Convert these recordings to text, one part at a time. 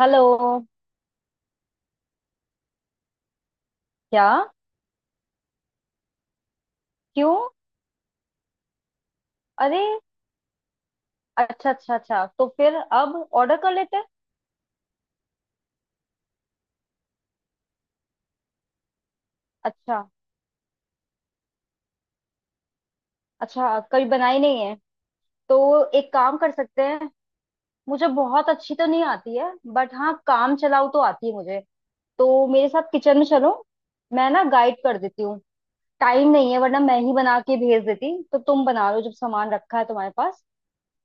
Hello. क्या? क्यों? अरे! अच्छा अच्छा अच्छा, तो फिर अब ऑर्डर कर लेते हैं। अच्छा, अच्छा कभी बनाई नहीं है तो? एक काम कर सकते हैं। मुझे बहुत अच्छी तो नहीं आती है, बट हाँ, काम चलाऊ तो आती है मुझे। तो मेरे साथ किचन में चलो। मैं ना गाइड कर देती हूँ। टाइम नहीं है वरना मैं ही बना के भेज देती, तो तुम बना लो जब सामान रखा है तुम्हारे पास।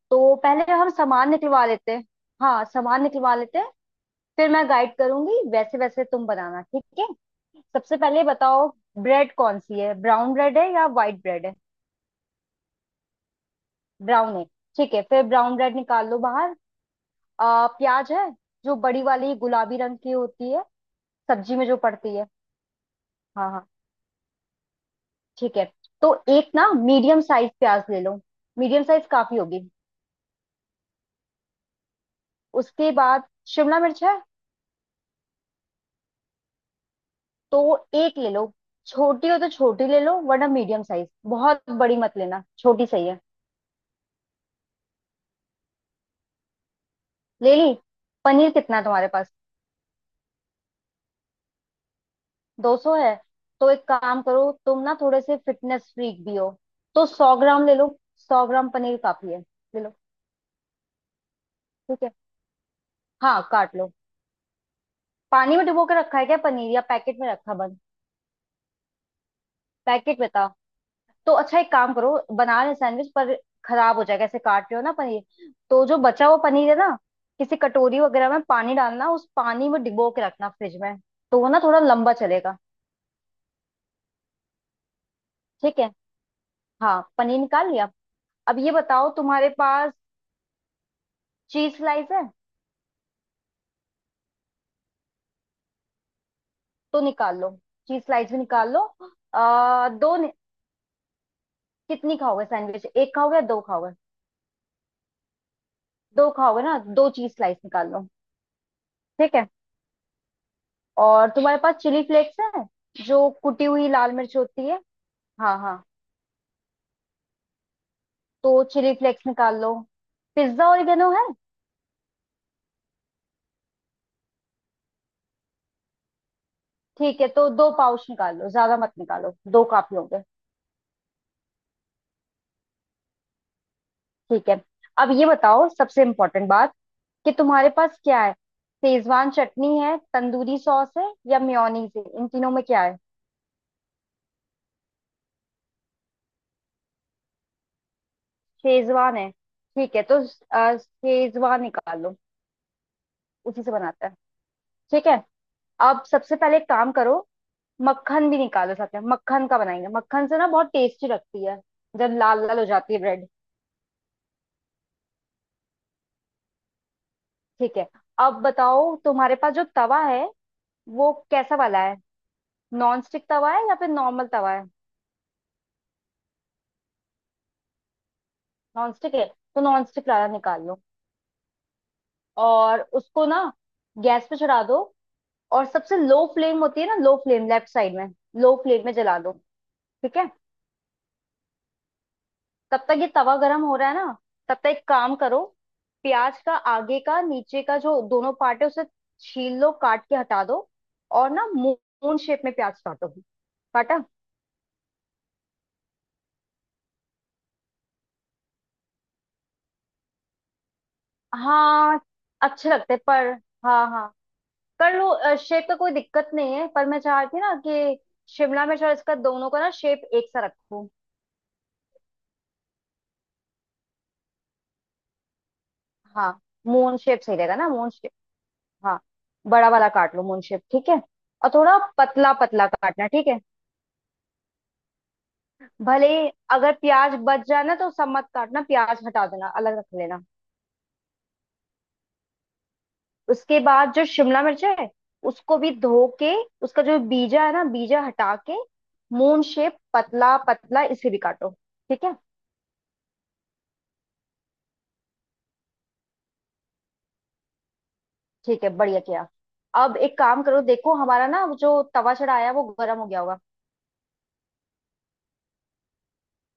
तो पहले हम सामान निकलवा लेते हैं। हाँ, सामान निकलवा लेते हैं। फिर मैं गाइड करूंगी वैसे वैसे तुम बनाना, ठीक है? सबसे पहले बताओ, ब्रेड कौन सी है, ब्राउन ब्रेड है या वाइट ब्रेड है? ब्राउन है, ठीक है, फिर ब्राउन ब्रेड निकाल लो बाहर। प्याज है, जो बड़ी वाली गुलाबी रंग की होती है, सब्जी में जो पड़ती है। हाँ हाँ, ठीक है। तो एक ना मीडियम साइज प्याज ले लो, मीडियम साइज काफी होगी। उसके बाद शिमला मिर्च है, तो एक ले लो। छोटी हो तो छोटी ले लो, वरना मीडियम साइज। बहुत बड़ी मत लेना, छोटी सही है। ले ली? पनीर कितना है तुम्हारे पास? 200 है? तो एक काम करो, तुम ना थोड़े से फिटनेस फ्रीक भी हो, तो 100 ग्राम ले लो। 100 ग्राम पनीर काफी है, ले लो। ठीक है, हाँ काट लो। पानी में डुबो के रखा है क्या पनीर, या पैकेट में रखा बंद? पैकेट में था? तो अच्छा, एक काम करो, बना रहे सैंडविच पर खराब हो जाएगा ऐसे काट रहे हो ना पनीर। तो जो बचा हुआ पनीर है ना, किसी कटोरी वगैरह में पानी डालना, उस पानी में डिबो के रखना फ्रिज में, तो वो ना थोड़ा लंबा चलेगा। ठीक है, हाँ पनीर निकाल लिया। अब ये बताओ, तुम्हारे पास चीज स्लाइस है? तो निकाल लो, चीज स्लाइस भी निकाल लो। दो कितनी खाओगे सैंडविच, एक खाओगे या दो खाओगे? दो खाओगे ना, दो चीज स्लाइस निकाल लो। ठीक है, और तुम्हारे पास चिली फ्लेक्स है? जो कुटी हुई लाल मिर्च होती है। हाँ हाँ, तो चिली फ्लेक्स निकाल लो। पिज्जा ओरिगेनो है? ठीक है, तो दो पाउच निकाल लो, ज्यादा मत निकालो, दो काफी होंगे। ठीक है, अब ये बताओ सबसे इम्पोर्टेंट बात, कि तुम्हारे पास क्या है, शेजवान चटनी है, तंदूरी सॉस है, या मेयोनीज है, इन तीनों में क्या है? शेजवान है, ठीक है तो। शेजवान निकालो, उसी से बनाते हैं। ठीक है। अब सबसे पहले एक काम करो, मक्खन भी निकालो साथ में, मक्खन का बनाएंगे, मक्खन से ना बहुत टेस्टी लगती है, जब लाल लाल हो जाती है ब्रेड। ठीक है, अब बताओ तुम्हारे पास जो तवा है, वो कैसा वाला है? नॉन स्टिक तवा है, या फिर नॉर्मल तवा है? नॉन स्टिक है, तो नॉन स्टिक वाला निकाल लो। और उसको ना गैस पे चढ़ा दो, और सबसे लो फ्लेम होती है ना, लो फ्लेम लेफ्ट साइड में, लो फ्लेम में जला दो। ठीक है, तब तक ये तवा गरम हो रहा है ना, तब तक एक काम करो, प्याज का आगे का नीचे का जो दोनों पार्ट है उसे छील लो, काट के हटा दो, और ना मून शेप में प्याज काटो। काटा? हाँ, अच्छे लगते हैं, पर हाँ हाँ कर लो, शेप का कोई दिक्कत नहीं है, पर मैं चाह रही थी ना कि शिमला मिर्च और इसका दोनों का ना शेप एक सा रखूं। हाँ, मून शेप सही रहेगा ना, मून शेप। हाँ, बड़ा वाला काट लो मून शेप, ठीक है। और थोड़ा पतला पतला काटना, ठीक है। भले ही अगर प्याज बच जाए ना, तो सब मत काटना, प्याज हटा देना, अलग रख लेना। उसके बाद जो शिमला मिर्च है, उसको भी धो के, उसका जो बीजा है ना, बीजा हटा के, मून शेप पतला पतला इसे भी काटो। ठीक है, ठीक है, बढ़िया किया। अब एक काम करो, देखो हमारा ना वो जो तवा चढ़ाया है, वो गर्म हो गया होगा।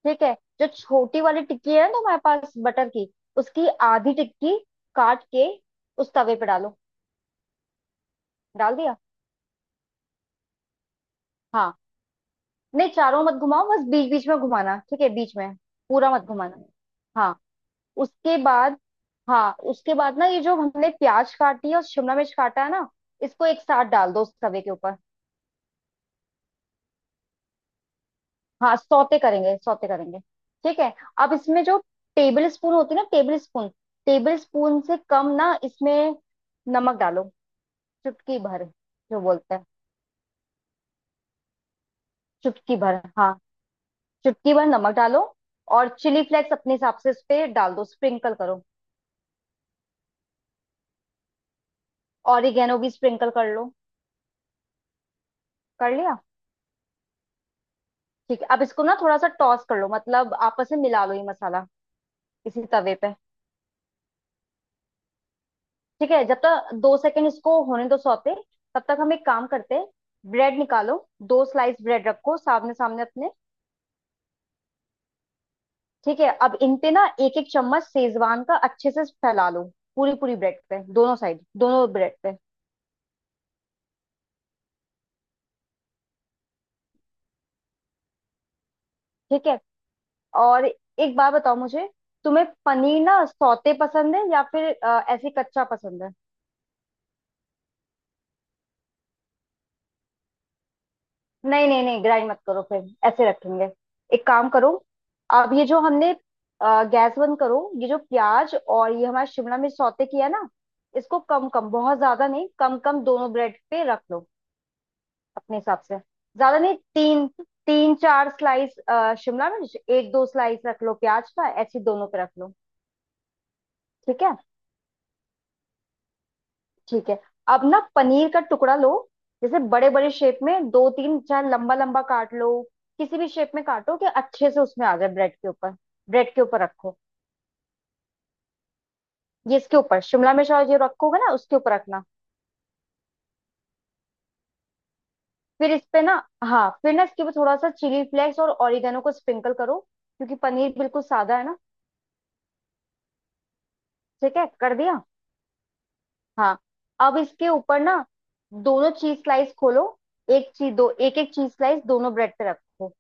ठीक है, जो छोटी वाली टिक्की है ना हमारे पास बटर की, उसकी आधी टिक्की काट के उस तवे पे डालो। डाल दिया? हाँ, नहीं चारों मत घुमाओ, बस बीच बीच में घुमाना, ठीक है, बीच में। पूरा मत घुमाना। हाँ उसके बाद, हाँ उसके बाद ना ये जो हमने प्याज काटी है और शिमला मिर्च काटा है ना, इसको एक साथ डाल दो उस तवे के ऊपर। हाँ, सौते करेंगे, सौते करेंगे। ठीक है। अब इसमें जो टेबल स्पून होती है ना, टेबल स्पून, टेबल स्पून से कम ना इसमें नमक डालो, चुटकी भर जो बोलते हैं। चुटकी भर हाँ, चुटकी भर नमक डालो। और चिली फ्लेक्स अपने हिसाब से उस पे डाल दो, स्प्रिंकल करो। ऑरिगेनो भी स्प्रिंकल कर लो। कर लिया? ठीक है, अब इसको ना थोड़ा सा टॉस कर लो, मतलब आपस में मिला लो ये मसाला, इसी तवे पे। ठीक है, जब तक 2 सेकंड इसको होने दो सौते, तब तक हम एक काम करते हैं। ब्रेड निकालो, दो स्लाइस ब्रेड रखो सामने सामने अपने। ठीक है, अब इन पे ना एक एक चम्मच सेजवान का अच्छे से फैला लो, पूरी पूरी ब्रेड पे, दोनों साइड, दोनों ब्रेड पे। ठीक है, और एक बार बताओ मुझे, तुम्हें पनीर ना सौते पसंद है, या फिर ऐसे ही कच्चा पसंद है? नहीं नहीं नहीं, ग्राइंड मत करो, फिर ऐसे रखेंगे। एक काम करो, अब ये जो हमने गैस बंद करो, ये जो प्याज और ये हमारा शिमला मिर्च सौते किया ना, इसको कम कम, बहुत ज्यादा नहीं, कम कम दोनों ब्रेड पे रख लो, अपने हिसाब से। ज्यादा नहीं, तीन, तीन चार स्लाइस शिमला मिर्च, एक दो स्लाइस रख लो प्याज का, ऐसे दोनों पे रख लो। ठीक है, ठीक है। अब ना पनीर का टुकड़ा लो, जैसे बड़े बड़े शेप में दो तीन, चाहे लंबा लंबा काट लो, किसी भी शेप में काटो, कि अच्छे से उसमें आ जाए ब्रेड के ऊपर। ब्रेड के ऊपर रखो, ये इसके ऊपर, शिमला मिर्च और जो रखोगे ना उसके ऊपर रखना। फिर इस पे ना, हाँ फिर ना इसके ऊपर थोड़ा सा चिली फ्लेक्स और ऑरिगेनो को स्प्रिंकल करो, क्योंकि पनीर बिल्कुल सादा है ना। ठीक है, कर दिया? हाँ, अब इसके ऊपर ना दोनों चीज स्लाइस खोलो, एक चीज दो, एक एक चीज स्लाइस दोनों ब्रेड पे रखो।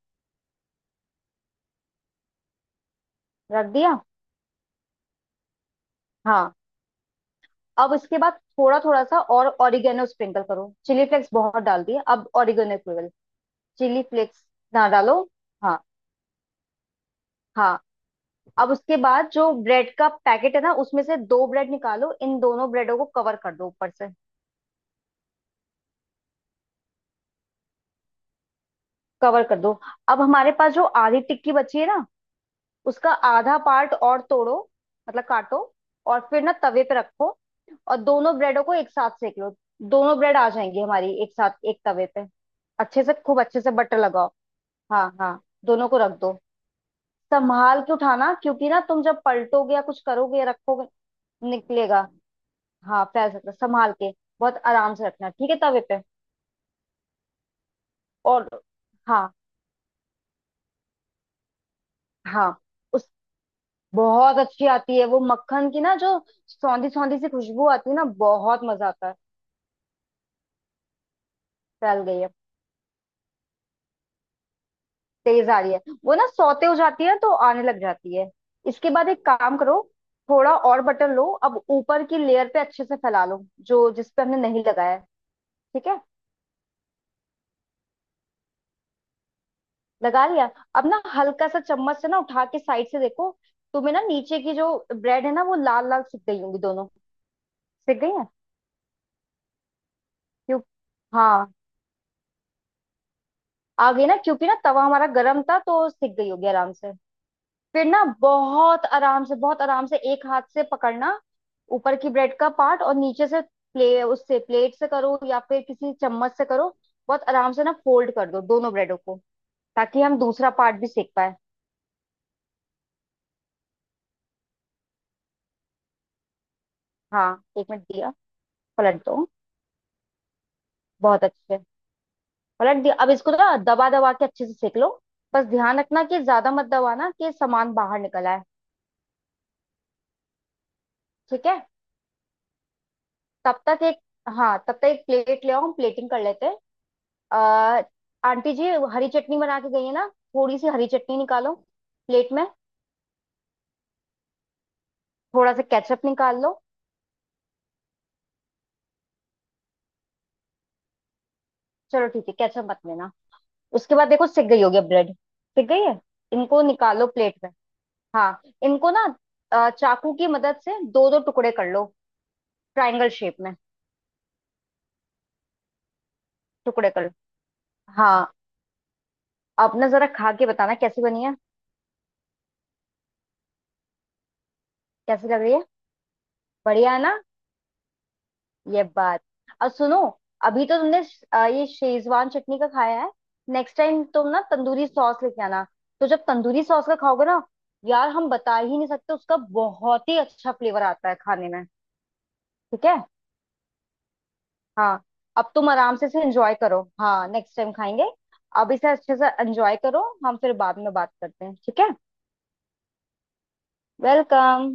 रख दिया? हाँ। अब इसके बाद थोड़ा थोड़ा सा और ऑरिगेनो स्प्रिंकल करो, चिली फ्लेक्स बहुत डाल दिए, अब ऑरिगेनो केवल, चिली फ्लेक्स ना डालो। हाँ हाँ, अब उसके बाद जो ब्रेड का पैकेट है ना, उसमें से दो ब्रेड निकालो, इन दोनों ब्रेडों को कवर कर दो ऊपर से। कवर कर दो, अब हमारे पास जो आधी टिक्की बची है ना, उसका आधा पार्ट और तोड़ो, मतलब काटो, और फिर ना तवे पे रखो, और दोनों ब्रेडों को एक साथ सेक लो। दोनों ब्रेड आ जाएंगी हमारी एक साथ एक तवे पे। अच्छे से खूब अच्छे से बटर लगाओ। हाँ हाँ, दोनों को रख दो। संभाल के उठाना, क्योंकि ना तुम जब पलटोगे या कुछ करोगे या रखोगे, निकलेगा। हाँ फैल सकता है। संभाल के बहुत आराम से रखना, ठीक है तवे पे। और हाँ हाँ, उस बहुत अच्छी आती है वो मक्खन की ना, जो सौंधी सौंधी सी खुशबू आती है ना, बहुत मजा आता है। फैल गई है, तेज आ रही है। वो ना सौते हो जाती है तो आने लग जाती है। इसके बाद एक काम करो, थोड़ा और बटर लो, अब ऊपर की लेयर पे अच्छे से फैला लो, जो जिस पे हमने नहीं लगाया है। ठीक है, लगा लिया। अब ना हल्का सा चम्मच से ना उठा के साइड से देखो, तुम्हें ना नीचे की जो ब्रेड है ना, वो लाल लाल सिक गई होंगी दोनों। सिक गई है? क्यों? हाँ, आ गई ना, क्योंकि ना तवा हमारा गर्म था तो सिक गई होगी आराम से। फिर ना बहुत आराम से, बहुत आराम से एक हाथ से पकड़ना, ऊपर की ब्रेड का पार्ट, और नीचे से प्ले, उससे प्लेट से करो या फिर किसी चम्मच से करो, बहुत आराम से ना फोल्ड कर दो दोनों ब्रेडों को, ताकि हम दूसरा पार्ट भी सेक पाए। हाँ 1 मिनट दिया, पलट दो, बहुत अच्छे। पलट दिया, अब इसको ना दबा दबा के अच्छे से सेक लो, बस ध्यान रखना कि ज्यादा मत दबाना कि सामान बाहर निकल आए। ठीक है, तब तक एक, हाँ तब तक एक प्लेट ले आओ, हम प्लेटिंग कर लेते हैं। अ, आंटी जी हरी चटनी बना के गई है ना, थोड़ी सी हरी चटनी निकालो प्लेट में। थोड़ा सा केचप निकाल लो। चलो ठीक है, केचप मत लेना। उसके बाद देखो सिक गई होगी ब्रेड, सिक गई है, इनको निकालो प्लेट में। हाँ इनको ना चाकू की मदद से दो दो टुकड़े कर लो, ट्रायंगल शेप में। टुकड़े कर लो। हाँ, अब ना जरा खा के बताना कैसी बनी है। कैसी लग रही है, बढ़िया है ना? ये बात। और सुनो, अभी तो तुमने ये शेजवान चटनी का खाया है, नेक्स्ट टाइम तुम ना तंदूरी सॉस लेके आना। तो जब तंदूरी सॉस का खाओगे ना, यार हम बता ही नहीं सकते, उसका बहुत ही अच्छा फ्लेवर आता है खाने में। ठीक है, हाँ। अब तुम आराम से इसे एंजॉय करो, हाँ नेक्स्ट टाइम खाएंगे। अब इसे अच्छे से एंजॉय करो, हम फिर बाद में बात करते हैं, ठीक है। वेलकम।